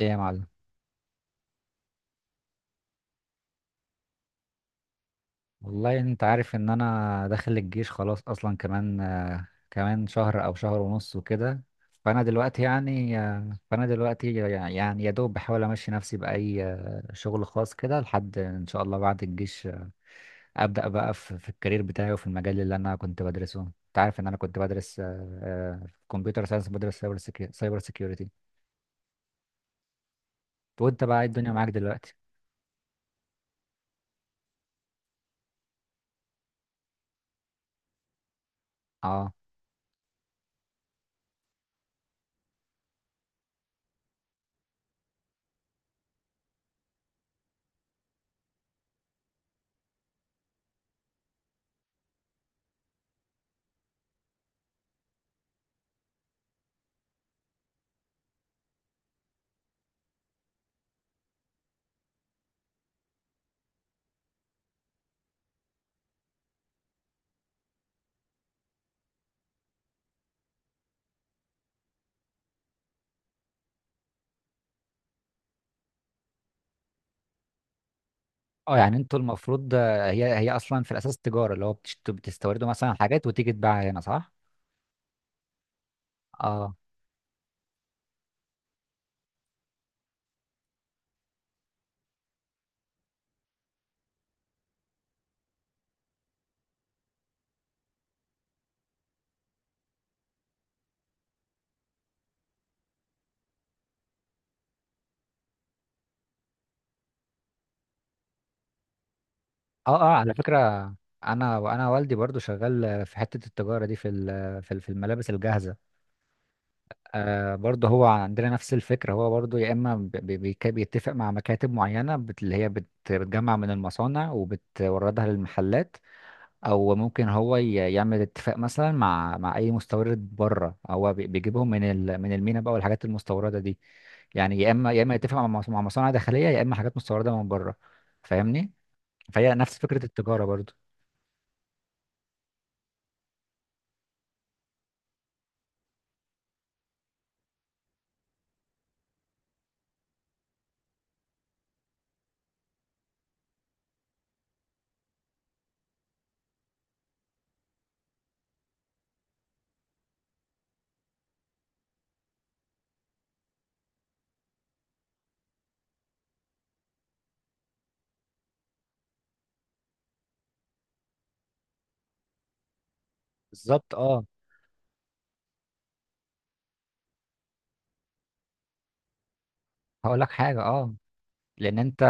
ايه يا معلم. والله انت عارف ان انا داخل الجيش خلاص، اصلا كمان شهر او شهر ونص وكده. فانا دلوقتي يعني يا دوب بحاول امشي نفسي باي شغل خاص كده لحد ان شاء الله بعد الجيش، ابدا بقى في الكارير بتاعي وفي المجال اللي انا كنت بدرسه. انت عارف ان انا كنت بدرس كمبيوتر ساينس، بدرس سايبر سيكيورتي. وانت بقى إيه الدنيا معاك دلوقتي؟ اه. اه، يعني انتوا المفروض، هي اصلا في الاساس تجاره، اللي هو بتستوردوا مثلا حاجات وتيجي تبيعها هنا صح؟ اه اه اه، على فكره انا وانا والدي برضو شغال في حته التجاره دي، في الملابس الجاهزه. برضو هو عندنا نفس الفكره، هو برضو يا اما بيتفق مع مكاتب معينه، اللي هي بتجمع من المصانع وبتوردها للمحلات، او ممكن هو يعمل اتفاق مثلا مع اي مستورد بره، هو بيجيبهم من المينا بقى والحاجات المستورده دي. يعني يا اما يتفق مع مع مصانع داخليه، يا اما حاجات مستورده من بره. فاهمني؟ فهي نفس فكره التجاره برضو. بالظبط، اه. هقول لك حاجه، اه، لان انت،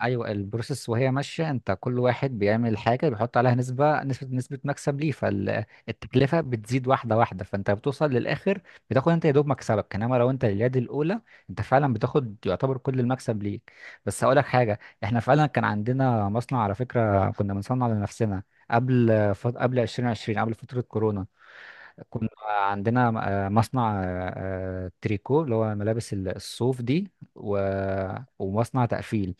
ايوه، البروسيس وهي ماشيه انت، كل واحد بيعمل حاجه بيحط عليها نسبه نسبه نسبه مكسب ليه، فالتكلفه بتزيد واحده واحده، فانت بتوصل للاخر بتاخد انت يا دوب مكسبك. انما لو انت اليد الاولى، انت فعلا بتاخد يعتبر كل المكسب ليك. بس هقول لك حاجه، احنا فعلا كان عندنا مصنع على فكره، كنا بنصنع لنفسنا قبل قبل 2020، قبل فتره كورونا. كنا عندنا مصنع، تريكو، اللي هو ملابس الصوف دي ومصنع تقفيل.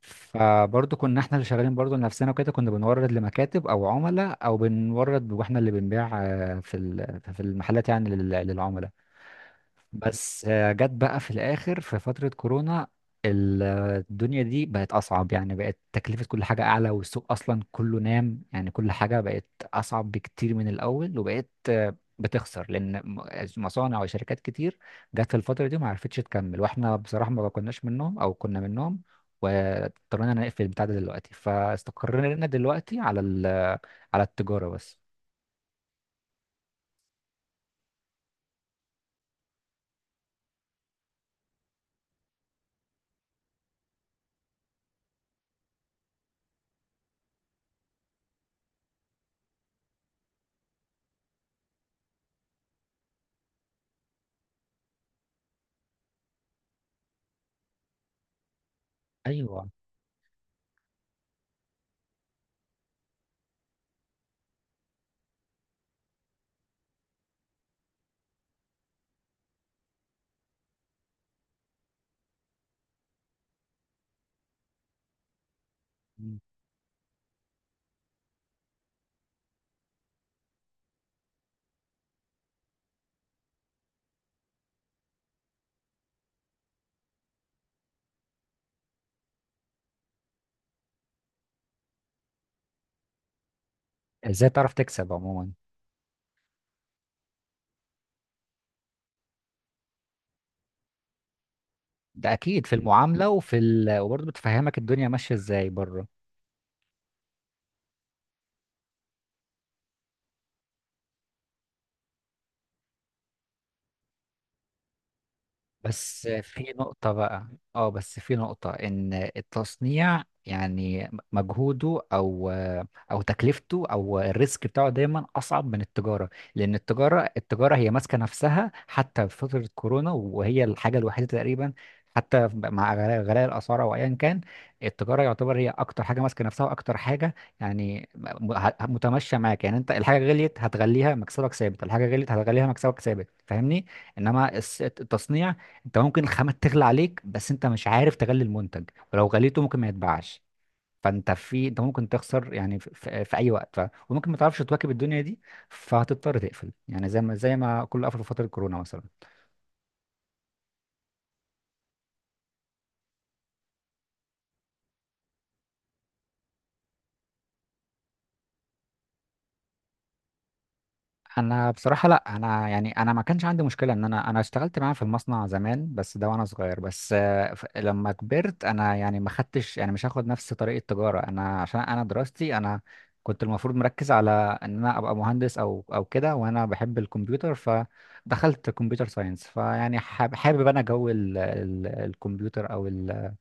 فبرضه كنا احنا اللي شغالين برضه لنفسنا وكده، كنا بنورد لمكاتب او عملاء، او بنورد واحنا اللي بنبيع في المحلات، يعني للعملاء. بس جت بقى في الاخر في فترة كورونا، ال- الدنيا دي بقت اصعب، يعني بقت تكلفة كل حاجة اعلى، والسوق اصلا كله نام، يعني كل حاجة بقت اصعب بكتير من الاول، وبقت بتخسر، لان مصانع وشركات كتير جت في الفترة دي ما عرفتش تكمل، واحنا بصراحة ما كناش منهم او كنا منهم، واضطرينا نقفل البتاع ده. دلوقتي فاستقرينا دلوقتي على على التجارة بس. ايوه، ازاي تعرف تكسب عموما. ده اكيد، في المعامله وفي وبرضه بتفهمك الدنيا ماشيه ازاي بره. بس في نقطة بقى، اه بس في نقطة ان التصنيع يعني مجهوده، او تكلفته، او الريسك بتاعه، دايما اصعب من التجارة. لان التجارة، التجارة هي ماسكة نفسها حتى في فترة كورونا، وهي الحاجة الوحيدة تقريبا حتى مع غلاء غلاء الاسعار او ايا كان. التجارة يعتبر هي اكتر حاجة ماسكة نفسها، واكتر حاجة يعني متمشية معاك. يعني انت الحاجة غليت هتغليها مكسبك ثابت، الحاجة غليت هتغليها مكسبك ثابت، فاهمني؟ انما التصنيع، انت ممكن الخامة تغلى عليك، بس انت مش عارف تغلي المنتج، ولو غليته ممكن ما يتباعش. فانت انت ممكن تخسر يعني في اي وقت، وممكن ما تعرفش تواكب الدنيا دي، فهتضطر تقفل، يعني زي ما كله قفل في فترة كورونا مثلا. انا بصراحه، لا انا يعني انا ما كانش عندي مشكله ان انا اشتغلت معاه في المصنع زمان، بس ده وانا صغير. بس لما كبرت انا، يعني ما خدتش، يعني مش هاخد نفس طريق التجاره انا، عشان انا دراستي، انا كنت المفروض مركز على ان انا ابقى مهندس او كده، وانا بحب الكمبيوتر، فدخلت كمبيوتر ساينس. فيعني حابب انا جو ال ال الكمبيوتر، او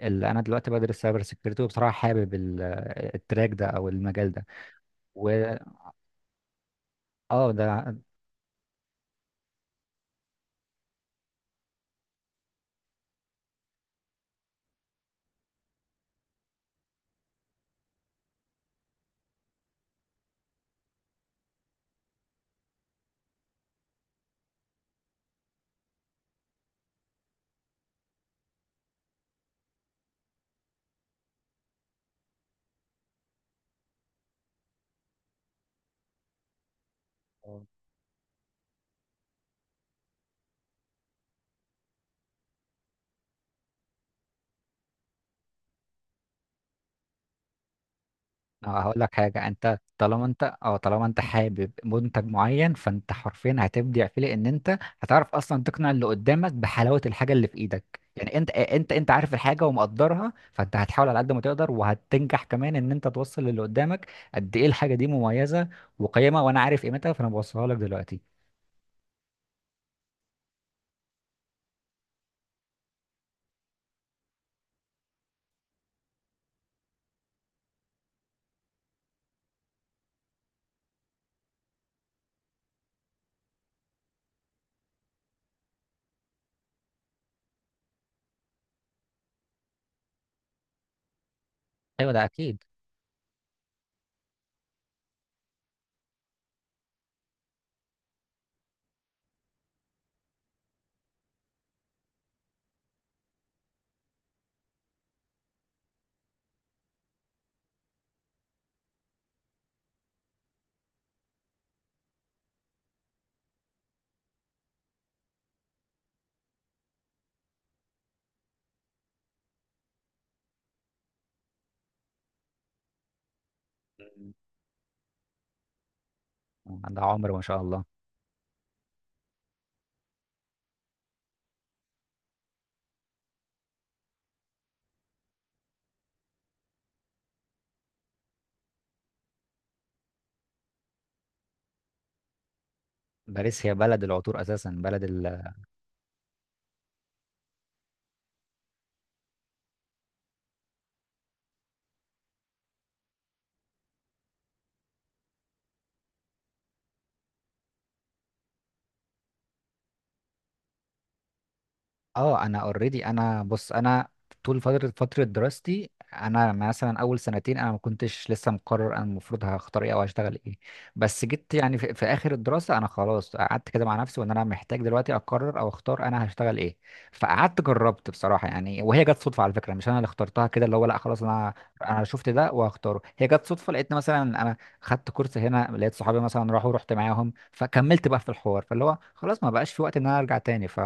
اللي انا دلوقتي بدرس سايبر سيكيورتي، وبصراحه حابب التراك ده او المجال ده. واه ده اه هقول لك حاجة، انت طالما انت، حابب منتج معين، فانت حرفيا هتبدع فيه، لان انت هتعرف اصلا تقنع اللي قدامك بحلاوة الحاجة اللي في ايدك. يعني انت عارف الحاجة ومقدرها، فانت هتحاول على قد ما تقدر وهتنجح كمان ان انت توصل للي قدامك قد ايه الحاجة دي مميزة وقيمة، وانا عارف قيمتها، فانا بوصلها لك دلوقتي. ايوه، ده اكيد. مم. ده عمر ما شاء الله. باريس هي بلد العطور اساسا، بلد. اه، انا اوريدي، انا بص، انا طول فتره دراستي، انا مثلا اول سنتين انا ما كنتش لسه مقرر انا المفروض هختار ايه او هشتغل ايه. بس جيت يعني في, اخر الدراسه، انا خلاص قعدت كده مع نفسي وان انا محتاج دلوقتي اقرر او اختار انا هشتغل ايه. فقعدت جربت بصراحه، يعني وهي جت صدفه على فكره، مش انا اللي اخترتها كده اللي هو، لا خلاص، انا شفت ده وهختاره. هي جت صدفه، لقيت مثلا انا خدت كورس هنا، لقيت صحابي مثلا راحوا، رحت معاهم، فكملت بقى في الحوار، فاللي هو خلاص ما بقاش في وقت ان انا ارجع تاني،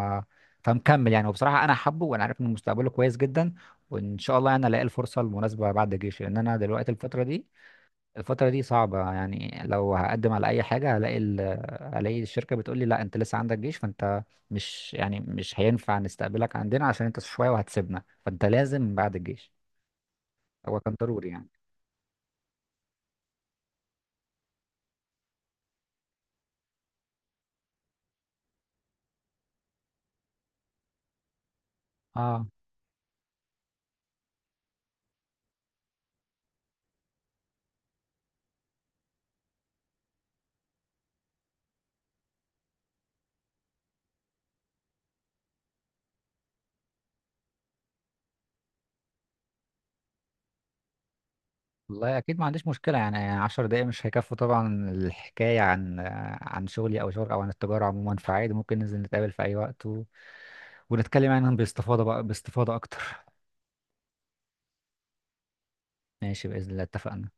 فمكمل يعني. وبصراحة أنا حابه، وأنا عارف إن مستقبله كويس جدا، وإن شاء الله أنا ألاقي الفرصة المناسبة بعد الجيش، لأن أنا دلوقتي الفترة دي صعبة. يعني لو هقدم على أي حاجة هلاقي هلاقي الشركة بتقول لي لا أنت لسه عندك جيش، فأنت مش هينفع نستقبلك عندنا، عشان أنت شوية وهتسيبنا، فأنت لازم بعد الجيش. هو كان ضروري يعني. آه والله أكيد ما عنديش مشكلة. يعني 10 دقايق مش هيكفوا طبعا الحكاية عن شغلي أو شغل، أو عن التجارة عموما. فعادي ممكن ننزل نتقابل في أي وقت ونتكلم عنهم باستفاضة بقى، باستفاضة أكتر. ماشي، بإذن الله، اتفقنا.